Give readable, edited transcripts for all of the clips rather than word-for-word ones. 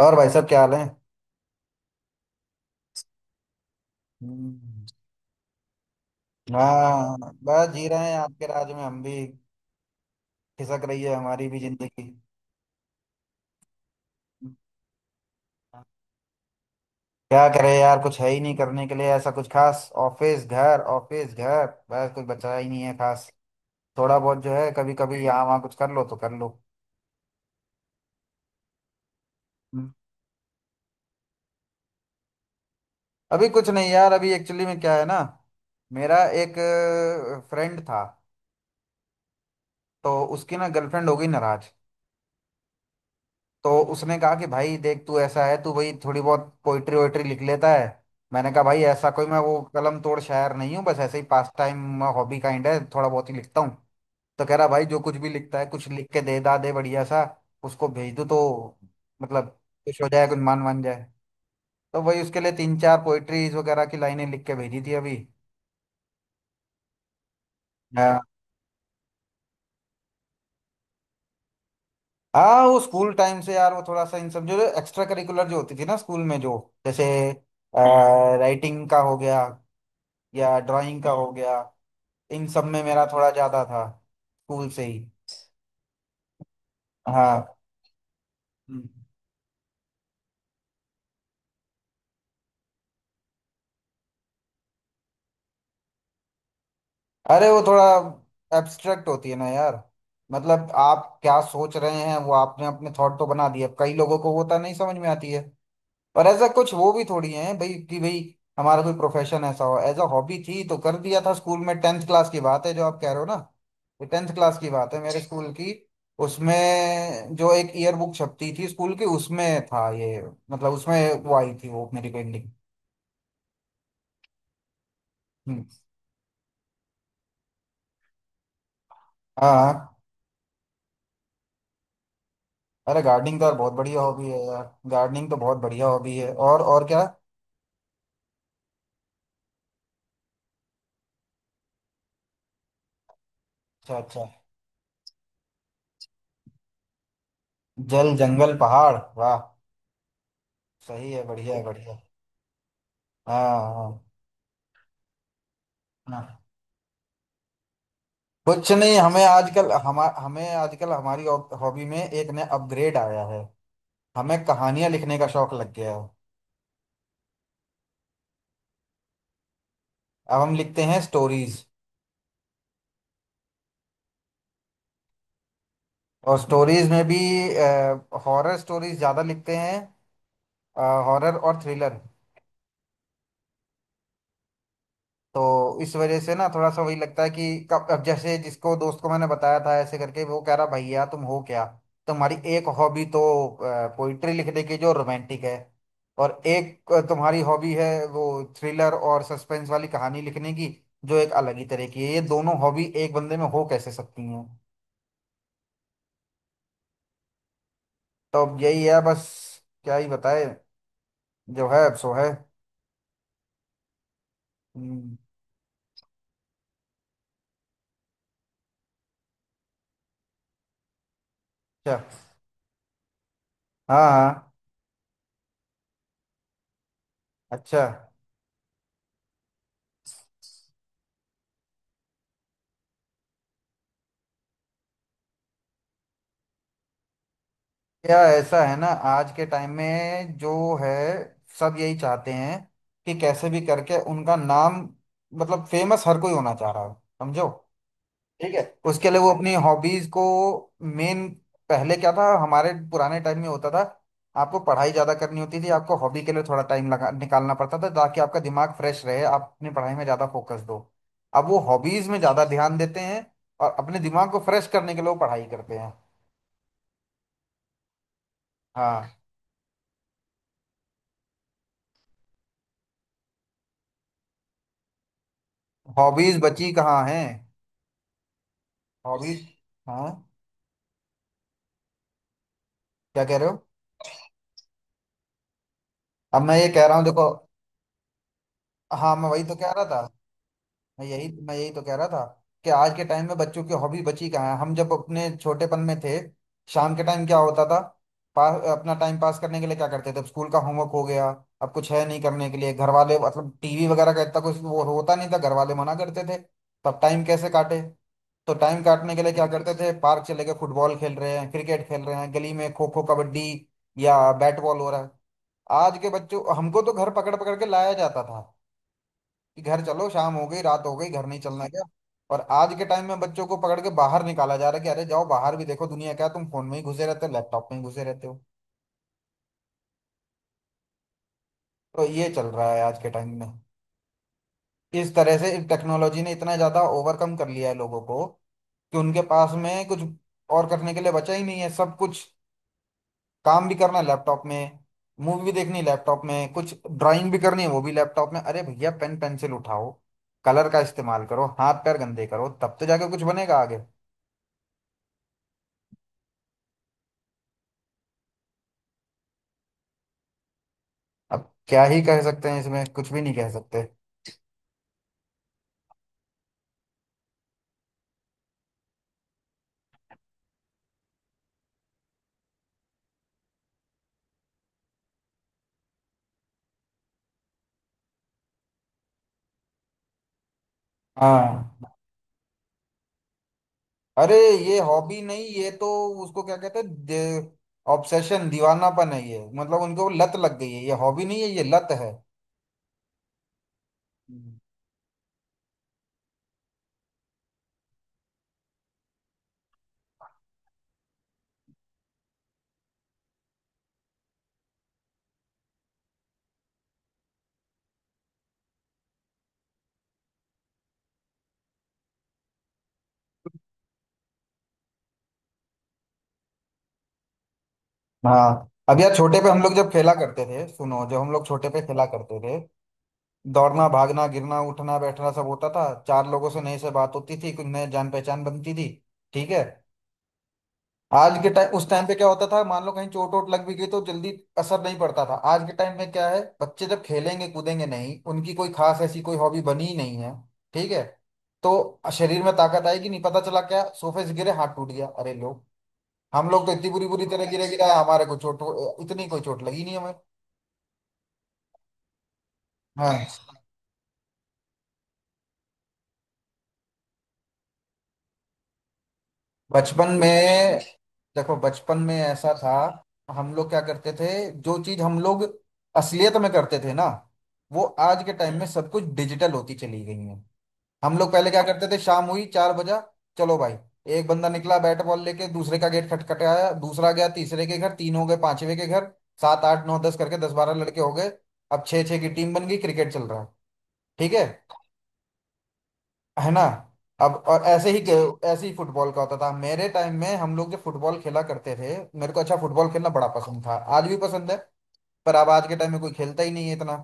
और भाई साहब क्या हाल है। हम्म, हाँ, बस जी रहे हैं आपके राज में हम भी। खिसक रही है हमारी भी जिंदगी। क्या करें यार, कुछ है ही नहीं करने के लिए ऐसा कुछ खास। ऑफिस घर ऑफिस घर, बस कुछ बचा ही नहीं है खास। थोड़ा बहुत जो है कभी कभी यहाँ वहाँ कुछ कर लो तो कर लो। हम्म। अभी कुछ नहीं यार, अभी एक्चुअली में क्या है ना, मेरा एक फ्रेंड था, तो उसकी ना गर्लफ्रेंड हो गई नाराज। तो उसने कहा कि भाई देख तू ऐसा है, तू भाई थोड़ी बहुत पोइट्री वोइट्री लिख लेता है। मैंने कहा भाई ऐसा कोई मैं वो कलम तोड़ शायर नहीं हूँ, बस ऐसे ही पास टाइम हॉबी काइंड है, थोड़ा बहुत ही लिखता हूँ। तो कह रहा भाई जो कुछ भी लिखता है कुछ लिख के दे दा दे बढ़िया सा, उसको भेज दो तो मतलब खुश हो जाए, कुछ मान मान जाए। तो वही उसके लिए तीन चार पोइट्रीज वगैरह की लाइनें लिख के भेजी थी अभी। हाँ। हाँ, वो स्कूल टाइम से यार, वो थोड़ा सा इन सब जो एक्स्ट्रा करिकुलर जो होती थी ना स्कूल में, जो जैसे राइटिंग का हो गया या ड्राइंग का हो गया, इन सब में मेरा थोड़ा ज्यादा था स्कूल से ही। हाँ। हम्म। अरे वो थोड़ा एब्स्ट्रैक्ट होती है ना यार। मतलब आप क्या सोच रहे हैं वो आपने अपने थॉट तो बना दिए, अब कई लोगों को वो तो नहीं समझ में आती है। और ऐसा कुछ वो भी थोड़ी है भाई कि भाई हमारा कोई प्रोफेशन ऐसा हो। एज अ हॉबी थी तो कर दिया था स्कूल में। टेंथ क्लास की बात है जो आप कह रहे हो ना, तो टेंथ क्लास की बात है मेरे जी स्कूल की। उसमें जो एक ईयर बुक छपती थी स्कूल की, उसमें था ये। मतलब उसमें वो आई थी वो मेरी पेंटिंग। हम्म। हाँ। हाँ। अरे गार्डनिंग तो यार बहुत बढ़िया हॉबी है यार। गार्डनिंग तो बहुत बढ़िया हॉबी है। और क्या? अच्छा अच्छा। जल जंगल पहाड़, वाह! सही है, बढ़िया है बढ़िया। हाँ। हाँ। हाँ। कुछ नहीं, हमें आजकल हमारी हॉबी में एक नया अपग्रेड आया है। हमें कहानियां लिखने का शौक लग गया है। अब हम लिखते हैं स्टोरीज, और स्टोरीज में भी हॉरर स्टोरीज ज्यादा लिखते हैं, हॉरर और थ्रिलर। तो इस वजह से ना थोड़ा सा वही लगता है कि कब अब, जैसे जिसको दोस्त को मैंने बताया था ऐसे करके, वो कह रहा भैया तुम हो क्या, तुम्हारी एक हॉबी तो पोइट्री लिखने की जो रोमांटिक है, और एक तुम्हारी हॉबी है वो थ्रिलर और सस्पेंस वाली कहानी लिखने की, जो एक अलग ही तरह की है। ये दोनों हॉबी एक बंदे में हो कैसे सकती हैं? तो अब यही है बस, क्या ही बताए, जो है अब सो है। हम्म। अच्छा। हाँ हाँ। अच्छा। या ऐसा है ना, आज के टाइम में जो है सब यही चाहते हैं कि कैसे भी करके उनका नाम, मतलब फेमस हर कोई होना चाह रहा है, समझो। ठीक है, उसके लिए वो अपनी हॉबीज को मेन। पहले क्या था हमारे पुराने टाइम में होता था आपको पढ़ाई ज्यादा करनी होती थी, आपको हॉबी के लिए थोड़ा टाइम लगा निकालना पड़ता था, ताकि आपका दिमाग फ्रेश रहे, आप अपनी पढ़ाई में ज्यादा फोकस दो। अब वो हॉबीज में ज्यादा ध्यान देते हैं, और अपने दिमाग को फ्रेश करने के लिए वो पढ़ाई करते हैं। हाँ। हॉबीज बची कहाँ हैं? हॉबीज। हाँ। क्या कह रहे हो? अब मैं ये कह रहा हूँ, देखो। हाँ, मैं वही तो कह रहा था। मैं यही तो कह रहा था कि आज के टाइम में बच्चों की हॉबी बची कहाँ है। हम जब अपने छोटेपन में थे, शाम के टाइम क्या होता था? पा, अपना टाइम पास करने के लिए क्या करते थे? अब स्कूल का होमवर्क हो गया, अब कुछ है नहीं करने के लिए, घर वाले मतलब टीवी वगैरह का इतना कुछ वो होता नहीं था, घर वाले मना करते थे। तब टाइम कैसे काटे? तो टाइम काटने के लिए क्या करते थे? पार्क चले गए, फुटबॉल खेल रहे हैं, क्रिकेट खेल रहे हैं, गली में खो खो कबड्डी या बैट बॉल हो रहा है। आज के बच्चों, हमको तो घर पकड़ पकड़ के लाया जाता था कि घर चलो, शाम हो गई रात हो गई, घर नहीं चलना क्या। और आज के टाइम में बच्चों को पकड़ के बाहर निकाला जा रहा है कि अरे जाओ बाहर भी देखो दुनिया क्या है, तुम फोन में ही घुसे रहते हो लैपटॉप में ही घुसे रहते हो। तो ये चल रहा है आज के टाइम में। इस तरह से टेक्नोलॉजी ने इतना ज्यादा ओवरकम कर लिया है लोगों को कि उनके पास में कुछ और करने के लिए बचा ही नहीं है। सब कुछ, काम भी करना है लैपटॉप में, मूवी भी देखनी है लैपटॉप में, कुछ ड्राइंग भी करनी है वो भी लैपटॉप में। अरे भैया पेन पेंसिल उठाओ, कलर का इस्तेमाल करो, हाथ पैर गंदे करो, तब तो जाके कुछ बनेगा आगे। अब क्या ही कह सकते हैं, इसमें कुछ भी नहीं कह सकते। हाँ। अरे ये हॉबी नहीं, ये तो उसको क्या कहते हैं, ऑब्सेशन, दीवानापन है ये। मतलब उनको वो लत लग गई है, ये हॉबी नहीं है, ये लत है। हम्म। हाँ, अब यार छोटे पे हम लोग जब खेला करते थे, सुनो जब हम लोग छोटे पे खेला करते थे, दौड़ना भागना गिरना उठना बैठना सब होता था, चार लोगों से नई से बात होती थी, कुछ नए जान पहचान बनती थी। ठीक है। आज के टाइम, उस टाइम पे क्या होता था, मान लो कहीं चोट वोट लग भी गई तो जल्दी असर नहीं पड़ता था। आज के टाइम में क्या है, बच्चे जब खेलेंगे कूदेंगे नहीं, उनकी कोई खास ऐसी कोई हॉबी बनी ही नहीं है। ठीक है। तो शरीर में ताकत आएगी नहीं, पता चला क्या सोफे से गिरे हाथ टूट गया। अरे लोग, हम लोग तो इतनी बुरी बुरी तरह गिरे, गिरा हमारे को चोट, इतनी कोई चोट लगी नहीं हमें। हाँ। बचपन में, देखो बचपन में ऐसा था, हम लोग क्या करते थे, जो चीज हम लोग असलियत में करते थे ना, वो आज के टाइम में सब कुछ डिजिटल होती चली गई है। हम लोग पहले क्या करते थे, शाम हुई, चार बजा, चलो भाई, एक बंदा निकला बैट बॉल लेके, दूसरे का गेट खटखटाया, दूसरा गया तीसरे के घर, तीन हो गए पांचवे के घर, सात आठ नौ दस करके दस बारह लड़के हो गए। अब छह छह की टीम बन गई, क्रिकेट चल रहा है। ठीक है ना। अब और ऐसे ही ऐसे ही फुटबॉल का होता था। मेरे टाइम में हम लोग जब फुटबॉल खेला करते थे, मेरे को अच्छा फुटबॉल खेलना बड़ा पसंद था, आज भी पसंद है। पर अब आज के टाइम में कोई खेलता ही नहीं है इतना।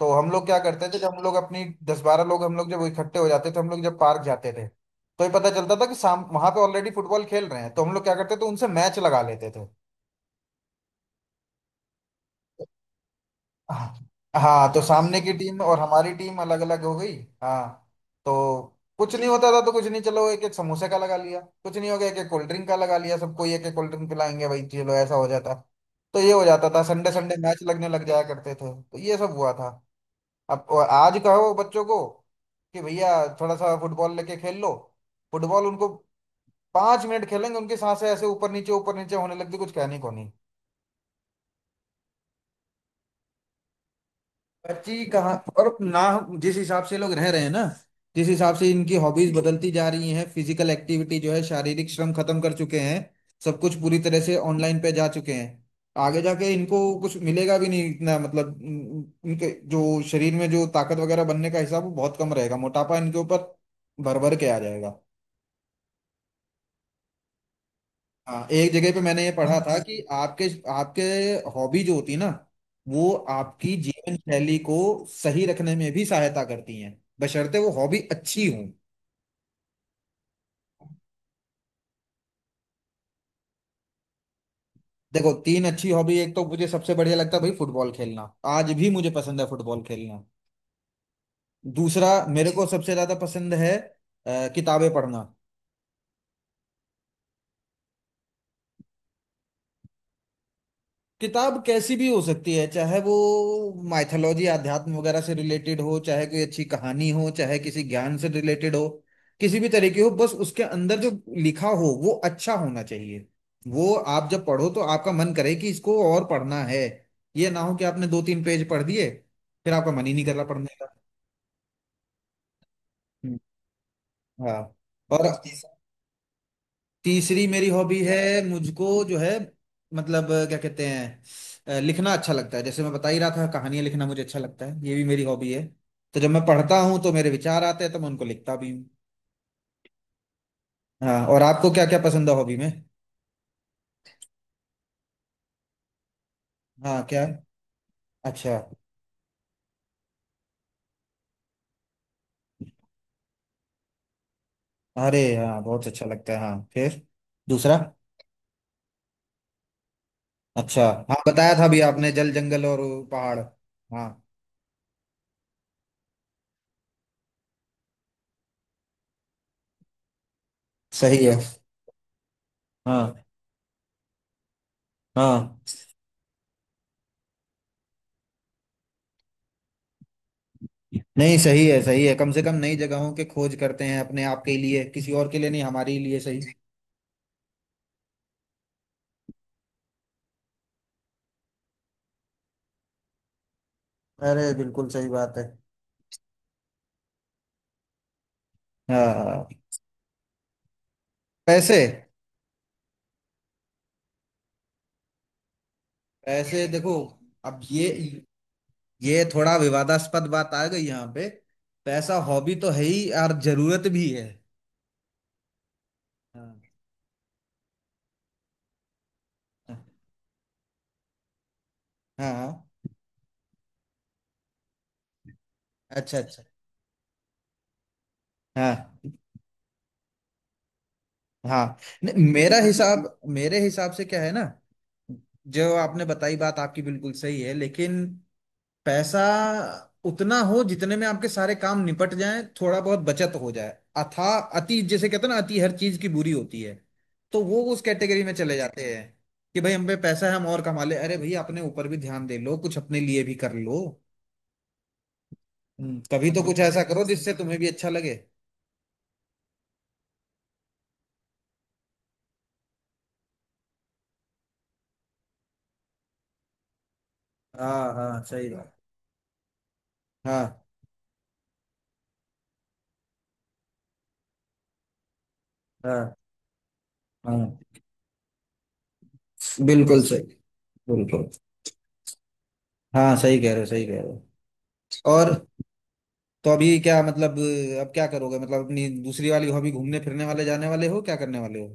तो हम लोग क्या करते थे जब हम लोग अपनी दस बारह लोग हम लोग जब इकट्ठे हो जाते थे, हम लोग जब पार्क जाते थे तो ये पता चलता था कि शाम वहां पे ऑलरेडी फुटबॉल खेल रहे हैं, तो हम लोग क्या करते थे उनसे मैच लगा लेते थे। हाँ। हाँ, तो सामने की टीम और हमारी टीम अलग अलग हो गई। हाँ। तो कुछ नहीं होता था तो कुछ नहीं, चलो एक एक समोसे का लगा लिया, कुछ नहीं हो गया एक एक कोल्ड ड्रिंक का लगा लिया, सबको एक एक कोल्ड ड्रिंक पिलाएंगे भाई, चलो ऐसा हो जाता। तो ये हो जाता था, संडे संडे मैच लगने लग जाया करते थे, तो ये सब हुआ था। अब और आज कहो बच्चों को कि भैया थोड़ा सा फुटबॉल लेके खेल लो, फुटबॉल, उनको पांच मिनट खेलेंगे उनकी सांसें ऐसे ऊपर नीचे होने लगती, कुछ कहने को नहीं। बच्ची कहाँ, और ना जिस हिसाब से लोग रह रहे हैं ना, जिस हिसाब से इनकी हॉबीज बदलती जा रही हैं, फिजिकल एक्टिविटी जो है शारीरिक श्रम खत्म कर चुके हैं। सब कुछ पूरी तरह से ऑनलाइन पे जा चुके हैं। आगे जाके इनको कुछ मिलेगा भी नहीं इतना, मतलब इनके जो शरीर में जो ताकत वगैरह बनने का हिसाब वो बहुत कम रहेगा, मोटापा इनके ऊपर भर भर के आ जाएगा। हाँ, एक जगह पे मैंने ये पढ़ा था कि आपके आपके हॉबी जो होती है ना, वो आपकी जीवन शैली को सही रखने में भी सहायता करती हैं, बशर्ते वो हॉबी अच्छी हो। देखो तीन अच्छी हॉबी, एक तो मुझे सबसे बढ़िया लगता है भाई फुटबॉल खेलना, आज भी मुझे पसंद है फुटबॉल खेलना। दूसरा, मेरे को सबसे ज्यादा पसंद है किताबें पढ़ना। किताब कैसी भी हो सकती है, चाहे वो माइथोलॉजी अध्यात्म वगैरह से रिलेटेड हो, चाहे कोई अच्छी कहानी हो, चाहे किसी ज्ञान से रिलेटेड हो, किसी भी तरीके हो, बस उसके अंदर जो लिखा हो वो अच्छा होना चाहिए। वो आप जब पढ़ो तो आपका मन करे कि इसको और पढ़ना है, ये ना हो कि आपने दो तीन पेज पढ़ दिए फिर आपका मन ही नहीं कर रहा पढ़ने का। हम्म। हाँ। और तीसरी मेरी हॉबी है, मुझको जो है, मतलब क्या कहते हैं, लिखना अच्छा लगता है, जैसे मैं बता ही रहा था, कहानियां लिखना मुझे अच्छा लगता है, ये भी मेरी हॉबी है। तो जब मैं पढ़ता हूँ तो मेरे विचार आते हैं तो मैं उनको लिखता भी हूँ। हाँ, और आपको क्या क्या पसंद है हॉबी में? हाँ, क्या? अच्छा। अरे हाँ, बहुत अच्छा लगता है हाँ। फिर दूसरा? अच्छा। हाँ, बताया था अभी आपने, जल जंगल और वो पहाड़, हाँ। सही है। हाँ। हाँ। नहीं सही है, सही है। कम से कम नई जगहों की खोज करते हैं अपने आप के लिए, किसी और के लिए नहीं, हमारे ही लिए, सही। अरे बिल्कुल सही बात है। हाँ। पैसे? पैसे देखो, अब ये थोड़ा विवादास्पद बात आ गई यहाँ पे। पैसा हॉबी तो है ही और जरूरत भी है। हाँ। हाँ। अच्छा अच्छा। हाँ। हाँ। नहीं, मेरा हिसाब मेरे हिसाब से क्या है ना, जो आपने बताई बात आपकी बिल्कुल सही है, लेकिन पैसा उतना हो जितने में आपके सारे काम निपट जाएं, थोड़ा बहुत बचत हो जाए। अथा अति, जैसे कहते हैं ना, अति हर चीज की बुरी होती है। तो वो उस कैटेगरी में चले जाते हैं कि भाई हम पे पैसा है हम और कमा ले, अरे भाई अपने ऊपर भी ध्यान दे लो, कुछ अपने लिए भी कर लो। कभी तो कुछ ऐसा करो जिससे तुम्हें भी अच्छा लगे। हाँ हाँ, सही बात। हाँ। हाँ। हाँ, बिल्कुल सही, बिल्कुल। हाँ, सही कह रहे हो, सही कह रहे हो। और, तो अभी क्या मतलब, अब क्या करोगे, मतलब अपनी दूसरी वाली हॉबी घूमने फिरने वाले, जाने वाले हो, क्या करने वाले हो?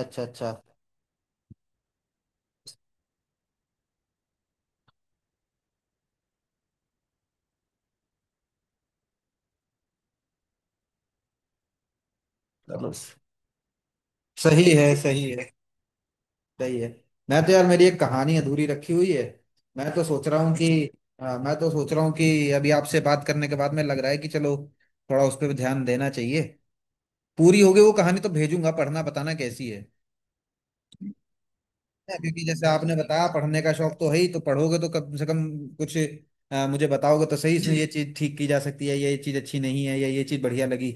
अच्छा अच्छा। चलो, सही है, सही है, सही है। मैं तो यार मेरी एक कहानी अधूरी रखी हुई है, मैं तो सोच रहा हूँ कि, हाँ, मैं तो सोच रहा हूँ कि अभी आपसे बात करने के बाद में लग रहा है कि चलो थोड़ा उस पर ध्यान देना चाहिए। पूरी होगी वो कहानी तो भेजूंगा, पढ़ना, बताना कैसी है। है, क्योंकि जैसे आपने बताया पढ़ने का शौक तो है ही, तो पढ़ोगे तो कम से कम कुछ मुझे बताओगे तो सही, इसमें ये चीज ठीक की जा सकती है, ये चीज अच्छी नहीं है, या ये चीज बढ़िया लगी।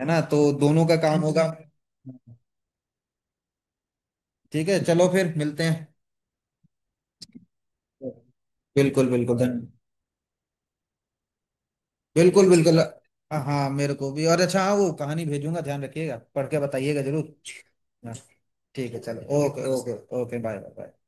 है ना, तो दोनों का काम होगा। ठीक है, चलो फिर मिलते हैं। बिल्कुल बिल्कुल, धन। बिल्कुल बिल्कुल। हाँ हाँ, मेरे को भी और अच्छा, हाँ वो कहानी भेजूंगा, ध्यान रखिएगा, पढ़ के बताइएगा जरूर। हाँ, ठीक है चलो, okay okay, okay bye bye.